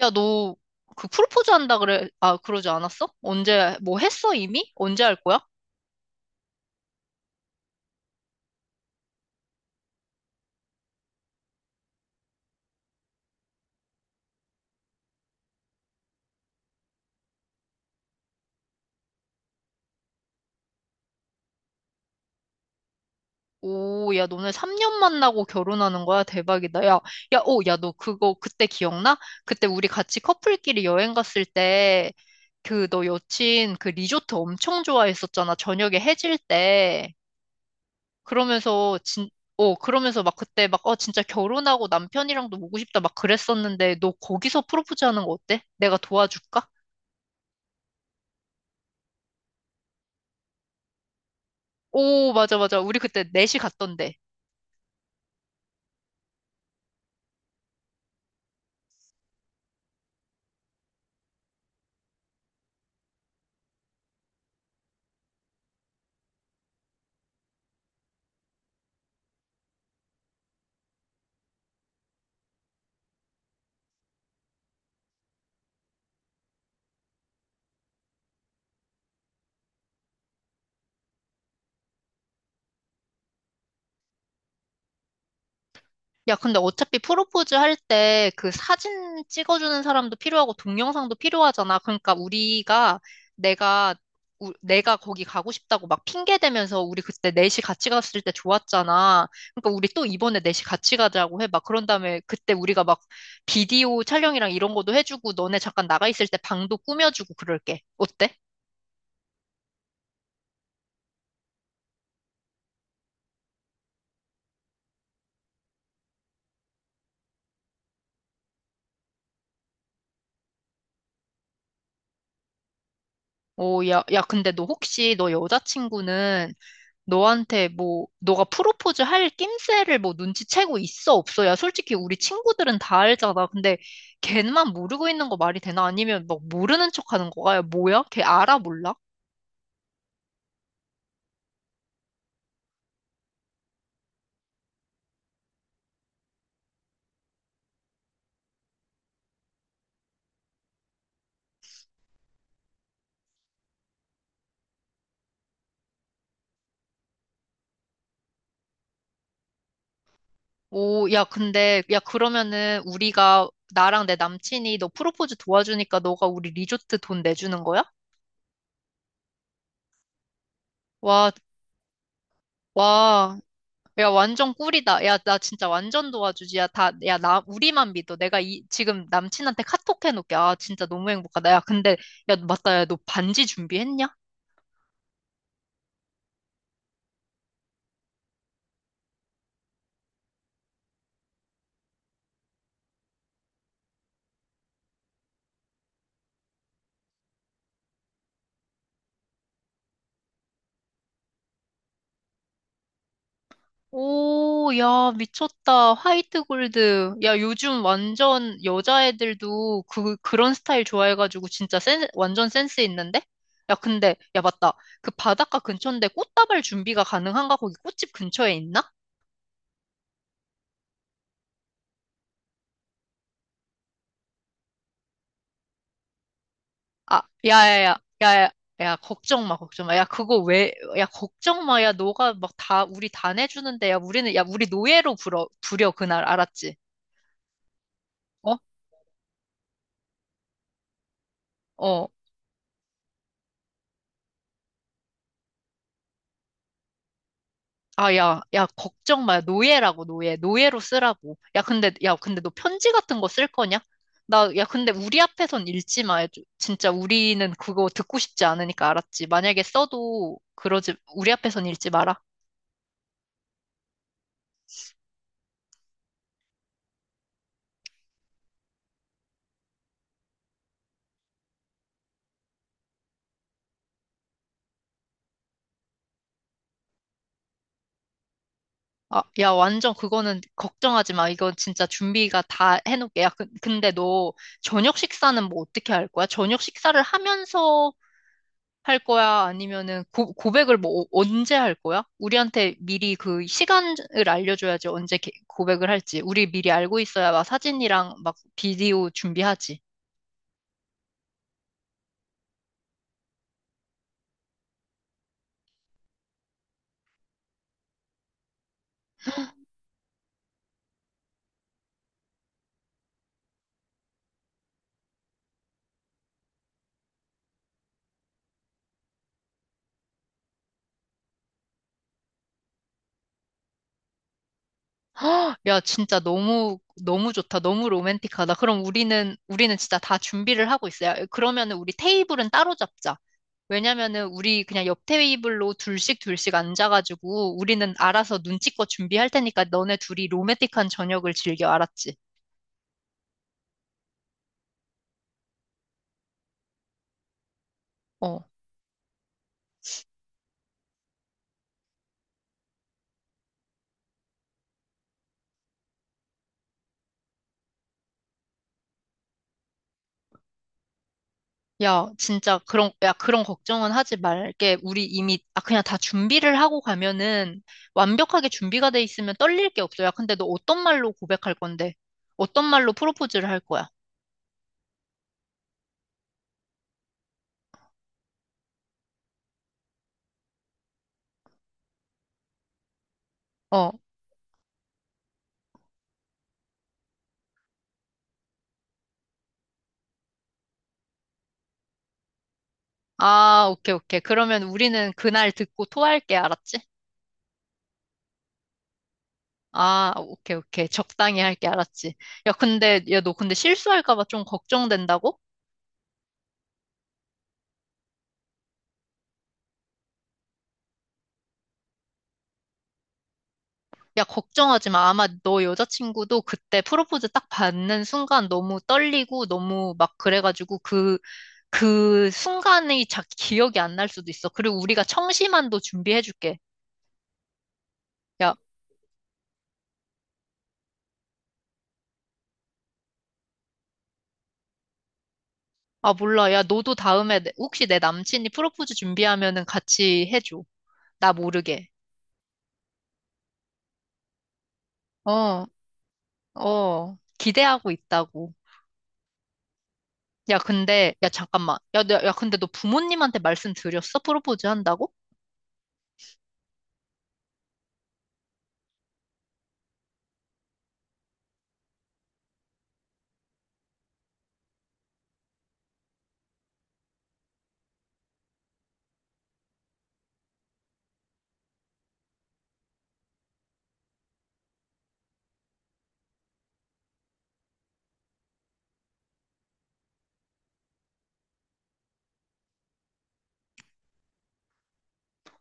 야, 너 그 프로포즈 한다 그래. 아, 그러지 않았어? 언제 뭐 했어 이미? 언제 할 거야? 오, 야, 너네 3년 만나고 결혼하는 거야? 대박이다. 야, 야, 오, 야, 너 그거 그때 기억나? 그때 우리 같이 커플끼리 여행 갔을 때 그 너 여친 그 리조트 엄청 좋아했었잖아. 저녁에 해질 때. 그러면서 진 그러면서 막 그때 막, 진짜 결혼하고 남편이랑도 오고 싶다 막 그랬었는데, 너 거기서 프로포즈 하는 거 어때? 내가 도와줄까? 오, 맞아, 맞아. 우리 그때 넷이 갔던데. 야, 근데 어차피 프로포즈 할 때 그 사진 찍어주는 사람도 필요하고 동영상도 필요하잖아. 그러니까 우리가 내가, 내가 거기 가고 싶다고 막 핑계 대면서 우리 그때 넷이 같이 갔을 때 좋았잖아. 그러니까 우리 또 이번에 넷이 같이 가자고 해. 막 그런 다음에 그때 우리가 막 비디오 촬영이랑 이런 것도 해주고 너네 잠깐 나가 있을 때 방도 꾸며주고 그럴게. 어때? 오, 야, 야, 근데 너 혹시 너 여자친구는 너한테 뭐, 너가 프로포즈 할 낌새를 뭐 눈치채고 있어, 없어야 솔직히 우리 친구들은 다 알잖아. 근데 걔만 모르고 있는 거 말이 되나? 아니면 막 모르는 척 하는 거야? 야, 뭐야? 걔 알아, 몰라? 오, 야, 근데, 야, 그러면은 우리가, 나랑 내 남친이 너 프로포즈 도와주니까 너가 우리 리조트 돈 내주는 거야? 와, 와, 야, 완전 꿀이다. 야, 나 진짜 완전 도와주지. 야, 다, 야, 나, 우리만 믿어. 내가 지금 남친한테 카톡 해놓을게. 아, 진짜 너무 행복하다. 야, 근데, 야, 맞다. 야, 너 반지 준비했냐? 오, 야, 미쳤다. 화이트 골드. 야, 요즘 완전 여자애들도 그, 그런 스타일 좋아해가지고 진짜 완전 센스 있는데? 야, 근데, 야, 맞다. 그 바닷가 근처인데 꽃다발 준비가 가능한가? 거기 꽃집 근처에 있나? 아, 야야야, 야야, 야, 걱정 마, 걱정 마. 야, 그거 왜, 야, 걱정 마. 야, 너가 막 다, 우리 다 내주는데, 야, 우리는, 야, 우리 노예로 부려, 부려, 그날, 알았지? 어? 어. 아, 야, 야, 걱정 마. 노예라고, 노예. 노예로 쓰라고. 야, 근데, 야, 근데 너 편지 같은 거 쓸 거냐? 나, 야, 근데 우리 앞에선 읽지 마. 진짜 우리는 그거 듣고 싶지 않으니까, 알았지? 만약에 써도, 그러지, 우리 앞에선 읽지 마라. 아, 야, 완전 그거는 걱정하지 마. 이건 진짜 준비가 다 해놓을게. 야, 근데 너 저녁 식사는 뭐 어떻게 할 거야? 저녁 식사를 하면서 할 거야? 아니면은 고백을 뭐 언제 할 거야? 우리한테 미리 그 시간을 알려줘야지 언제 고백을 할지. 우리 미리 알고 있어야 막 사진이랑 막 비디오 준비하지. 헉, 야, 진짜 너무, 너무 좋다. 너무 로맨틱하다. 그럼 우리는, 우리는 진짜 다 준비를 하고 있어요. 그러면은 우리 테이블은 따로 잡자. 왜냐면은 우리 그냥 옆 테이블로 둘씩 둘씩 앉아가지고 우리는 알아서 눈치껏 준비할 테니까 너네 둘이 로맨틱한 저녁을 즐겨, 알았지? 어. 야, 진짜 그런, 야, 그런 걱정은 하지 말게. 우리 이미, 아, 그냥 다 준비를 하고 가면은 완벽하게 준비가 돼 있으면 떨릴 게 없어. 야, 근데 너 어떤 말로 고백할 건데? 어떤 말로 프로포즈를 할 거야? 어. 아, 오케이, 오케이. 그러면 우리는 그날 듣고 토할게, 알았지? 아, 오케이, 오케이. 적당히 할게, 알았지? 야, 근데, 야, 너 근데 실수할까 봐 좀 걱정된다고? 야, 걱정하지 마. 아마 너 여자친구도 그때 프로포즈 딱 받는 순간 너무 떨리고 너무 막 그래가지고 그, 그 순간이 기억이 안 날 수도 있어. 그리고 우리가 청심환도 준비해줄게. 야, 아, 몰라. 야, 너도 다음에 혹시 내 남친이 프로포즈 준비하면은 같이 해줘. 나 모르게. 어. 어, 기대하고 있다고. 야, 근데, 야, 잠깐만. 야, 너, 야, 근데 너 부모님한테 말씀드렸어? 프로포즈 한다고?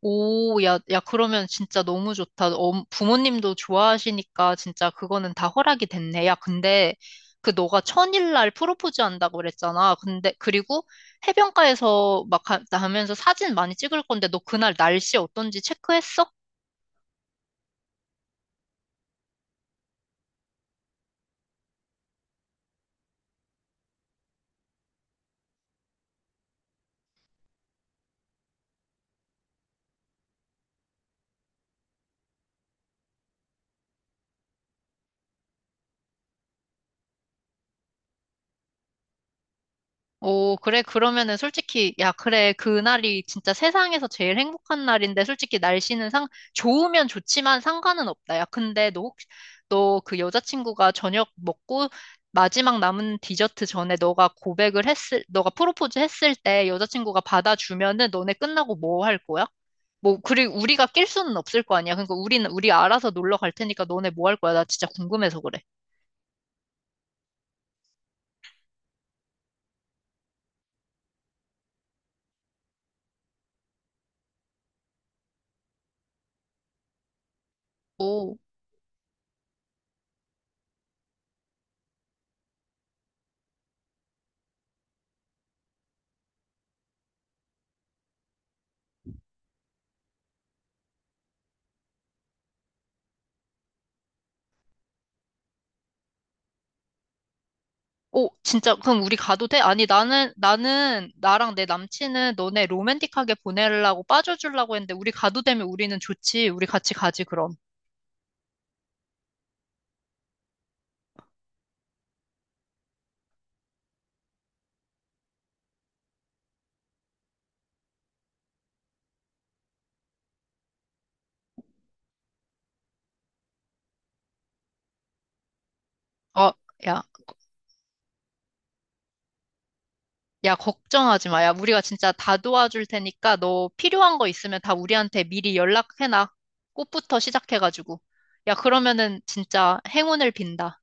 오, 야, 야, 그러면 진짜 너무 좋다. 어, 부모님도 좋아하시니까 진짜 그거는 다 허락이 됐네. 야, 근데 그 너가 1000일날 프로포즈 한다고 그랬잖아. 근데, 그리고 해변가에서 막 하면서 사진 많이 찍을 건데 너 그날 날씨 어떤지 체크했어? 오, 그래. 그러면은 솔직히, 야, 그래. 그날이 진짜 세상에서 제일 행복한 날인데, 솔직히 날씨는 좋으면 좋지만 상관은 없다. 야, 근데 너 혹시, 너 그 여자친구가 저녁 먹고 마지막 남은 디저트 전에 너가 고백을 했을, 너가 프로포즈 했을 때 여자친구가 받아주면은 너네 끝나고 뭐 할 거야? 뭐, 그리고 우리가 낄 수는 없을 거 아니야. 그러니까 우리는, 우리 알아서 놀러 갈 테니까 너네 뭐 할 거야? 나 진짜 궁금해서 그래. 오. 오, 진짜, 그럼 우리 가도 돼? 아니, 나는, 나랑 내 남친은 너네 로맨틱하게 보내려고 빠져주려고 했는데, 우리 가도 되면 우리는 좋지. 우리 같이 가지, 그럼. 어, 야, 야, 걱정하지 마. 야, 우리가 진짜 다 도와줄 테니까 너 필요한 거 있으면 다 우리한테 미리 연락해놔. 꽃부터 시작해가지고. 야, 그러면은 진짜 행운을 빈다.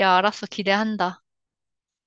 야, 알았어. 기대한다.